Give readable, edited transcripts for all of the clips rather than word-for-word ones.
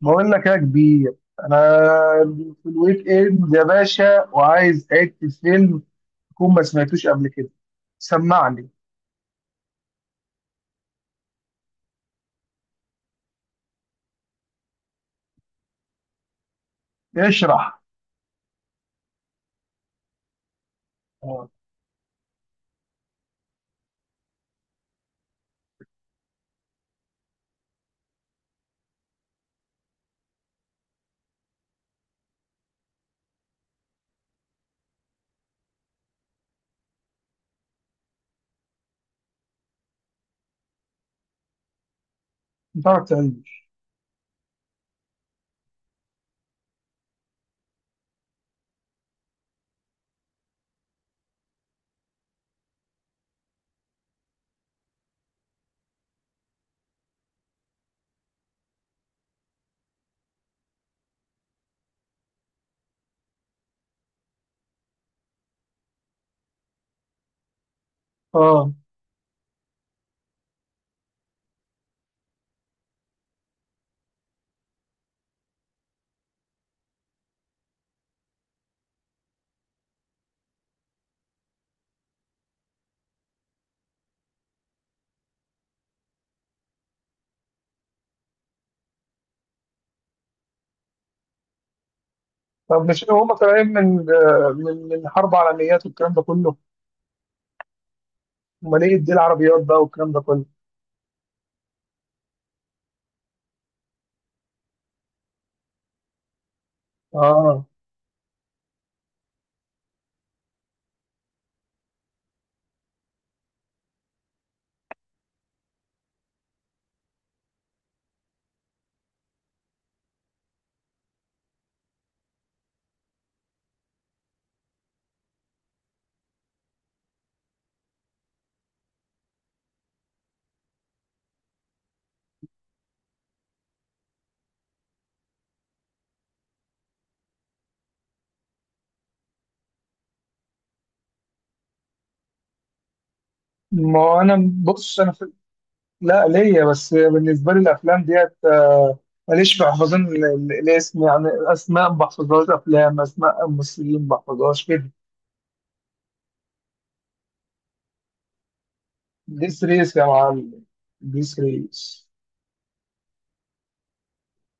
بقول لك يا كبير، انا في الويك اند يا باشا، وعايز حته فيلم تكون ما سمعتوش قبل كده. سمعني. اشرح. اه. بتاعك تعيش. اه. طب مش هم طالعين من من حرب عالميات والكلام ده كله؟ امال ايه دي العربيات بقى والكلام ده كله؟ اه. ما هو انا بص، انا في... لا، ليا، بس بالنسبه لي الافلام ديت ماليش في حفظان الاسم، يعني اسماء ما بحفظهاش، افلام اسماء ممثلين ما بحفظهاش كده. ديس ريس يا معلم. ديس ريس.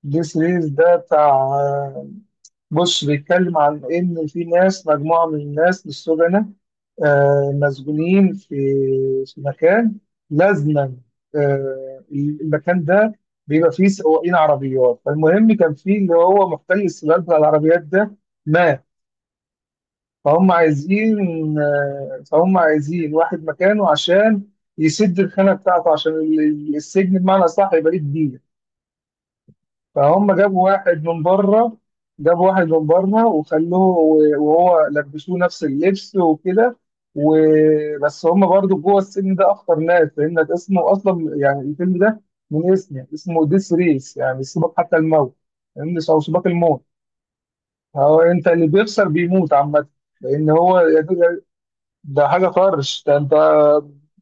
ديس ريس ده بتاع... بص، بيتكلم عن إن في ناس، مجموعة من الناس، للسجناء، مسجونين في مكان، لازما. المكان ده بيبقى فيه سواقين عربيات. فالمهم، كان فيه اللي هو محتل السباق بتاع العربيات ده مات. فهم عايزين فهم عايزين واحد مكانه عشان يسد الخانة بتاعته، عشان السجن بمعنى أصح يبقى ليه كبير. فهم جابوا واحد من بره، جابوا واحد من بره وخلوه، وهو لبسوه نفس اللبس وكده. وبس، هم برضو جوه السجن ده أخطر ناس، لأن اسمه أصلا، يعني الفيلم ده من اسمه ديس ريس، يعني سباق حتى الموت، يعني أو سباق الموت. هو أنت اللي بيخسر بيموت عامة، لأن هو ده حاجة طرش، ده انت.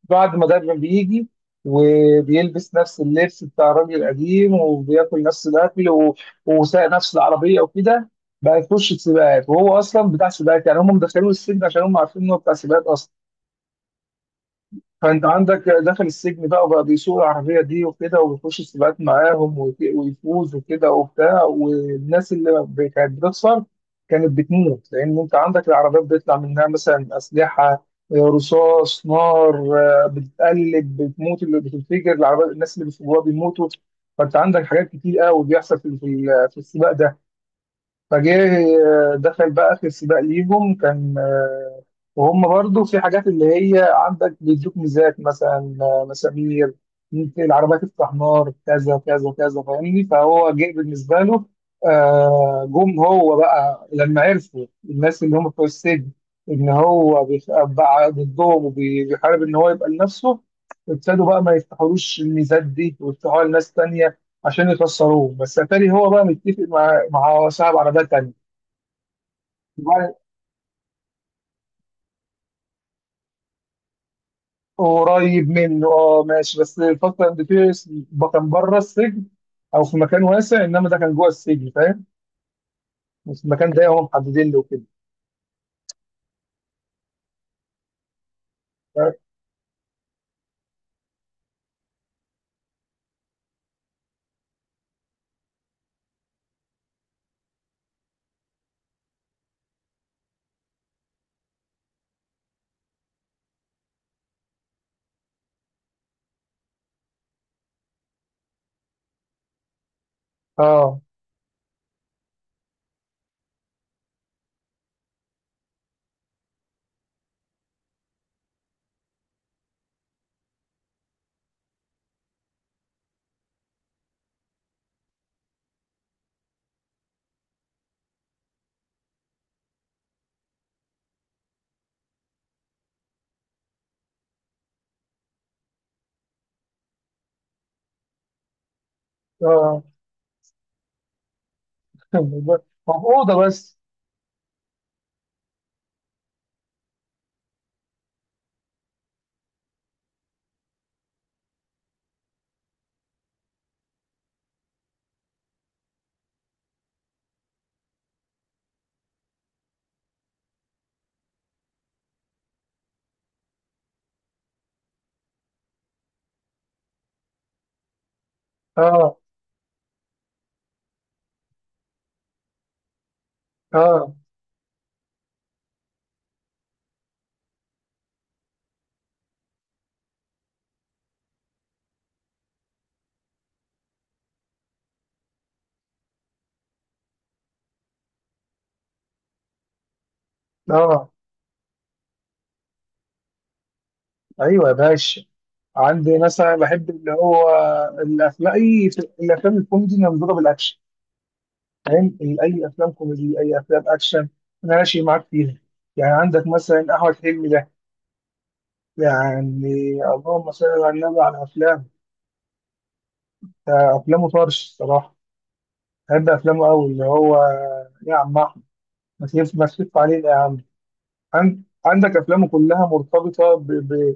بعد ما مدرب بيجي وبيلبس نفس اللبس بتاع الراجل القديم، وبياكل نفس الاكل، و... وسايق نفس العربية وكده، بقى يخش سباقات، وهو اصلا بتاع سباقات، يعني هم مدخلينه السجن عشان هم عارفين ان هو بتاع سباقات اصلا. فانت عندك، دخل السجن بقى وبقى بيسوق العربيه دي وكده، وبيخش السباقات معاهم ويفوز وكده وبتاع، والناس اللي كانت بتخسر كانت بتموت، لان انت عندك العربيات بيطلع منها مثلا اسلحه، رصاص، نار، بتتقلب، بتموت، اللي بتنفجر العربيات الناس اللي بيسوقوها بيموتوا. فانت عندك حاجات كتير قوي بيحصل في السباق ده. فجه، دخل بقى في السباق ليهم، كان وهم برضو في حاجات، اللي هي عندك بيدوك ميزات مثلا مسامير، ممكن العربية تفتح نار، كذا كذا كذا، فاهمني. فهو جه بالنسبة له، جم هو بقى لما عرفوا الناس اللي هم بتوع السجن، إن هو بقى ضدهم وبيحارب إن هو يبقى لنفسه، ابتدوا بقى ما يفتحولوش الميزات دي ويفتحوها لناس تانية عشان يخسروه. بس اتاري هو بقى متفق مع، ما هو صعب عربيات تانية. وبعد-... قريب منه، اه ماشي، بس الفاست اند فيوريوس كان بره السجن او في مكان واسع، انما ده كان جوه السجن، فاهم. بس المكان ده هم محددين له كده. اه. اه. مفقودة بس. اه، اه، اه، ايوه يا باشا. عندي مثلا بحب اللي هو، الافلام اي الافلام الكوميدي اللي مضروبه بالاكشن. فاهم؟ اي افلام كوميدي، اي افلام اكشن، انا ماشي معاك فيها. يعني عندك مثلا احمد حلمي ده، يعني اللهم صل على النبي على افلام. افلامه طرش الصراحه، بحب افلامه قوي اللي هو، يا عم احمد، ما تلف ما تلف علينا يا عم. عندك افلامه كلها مرتبطه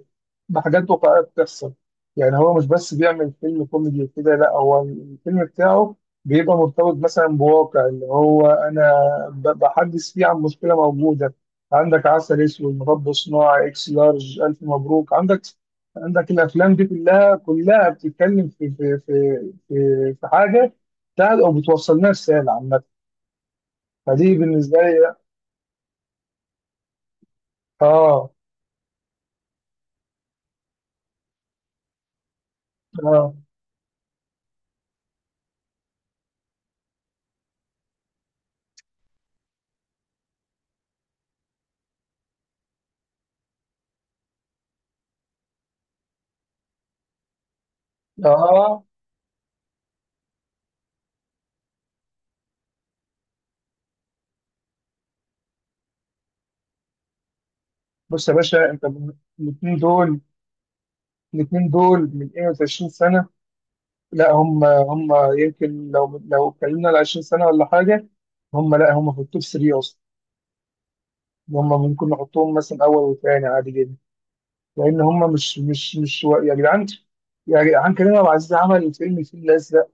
بحاجات واقعيه بتحصل. يعني هو مش بس بيعمل فيلم كوميدي وكده، لا، هو الفيلم بتاعه بيبقى مرتبط مثلا بواقع، اللي هو انا بحدث فيه عن مشكله موجوده. عندك عسل اسود، مربى صناعي، اكس لارج، الف مبروك، عندك عندك الافلام دي كلها كلها بتتكلم في حاجه بتاعت، او بتوصل لنا رساله عامه، فدي بالنسبه لي. اه. اه. اه. بص يا باشا، الاثنين دول الاثنين دول من 21 سنه، لا هم هم، يمكن لو اتكلمنا على 20 سنه ولا حاجه، لا، هم في التوب 3 اصلا. هم ممكن نحطهم مثلا اول وثاني عادي جدا، لان هم مش يا جدعان، يا جدعان كريم عبد العزيز عمل فيلم الفيل الازرق.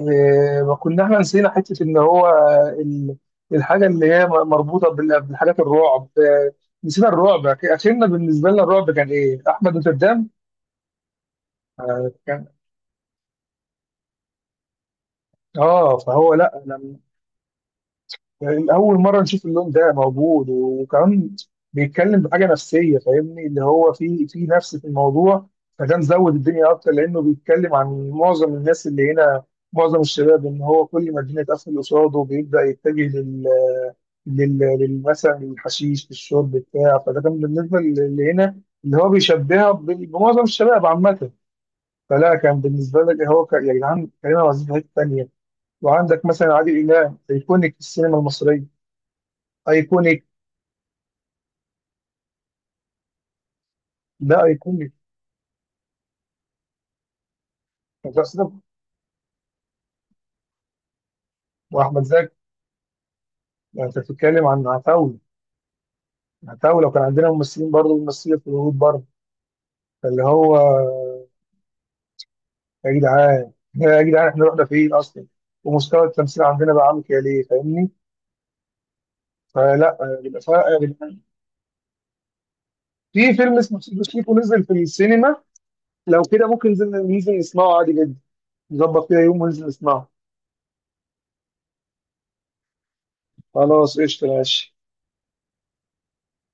ما كنا احنا نسينا حته ان هو ال- الحاجه اللي هي مربوطه بالحاجات الرعب، نسينا الرعب. اخرنا بالنسبه لنا الرعب كان ايه؟ احمد نوتردام. اه، فهو لا، لما اول مره نشوف اللون ده موجود، وكمان بيتكلم بحاجه نفسيه، فاهمني، اللي هو في نفس في الموضوع، فده مزود الدنيا اكتر، لانه بيتكلم عن معظم الناس اللي هنا، معظم الشباب، ان هو كل ما الدنيا تقفل قصاده بيبدا يتجه مثلا للحشيش، للشرب بتاع، فده كان بالنسبه اللي هنا، اللي هو بيشبهها بمعظم الشباب عامه. فلا كان بالنسبه لك، هو يا جدعان، كريم عبد العزيز في حته تانيه. وعندك مثلا عادل امام، ايكونيك في السينما المصريه. ايكونيك. ده ايكونيك. أنت أصلاً-... واحمد زكي. يعني انت بتتكلم عن عتاوله، عتاوله، وكان عندنا ممثلين برضه بيمثلوا في الهنود برضه. فاللي هو، يا جدعان، يا جدعان احنا رحنا فين اصلا؟ ومستوى التمثيل عندنا بقى عامل كده ليه؟ فاهمني. فلا بيبقى فرق يا جدعان. في فيلم اسمه سيكو سيكو نزل في السينما، لو كده ممكن ننزل نسمعه عادي جدا، نظبط كده يوم وننزل نسمعه. خلاص، قشطة، ماشي.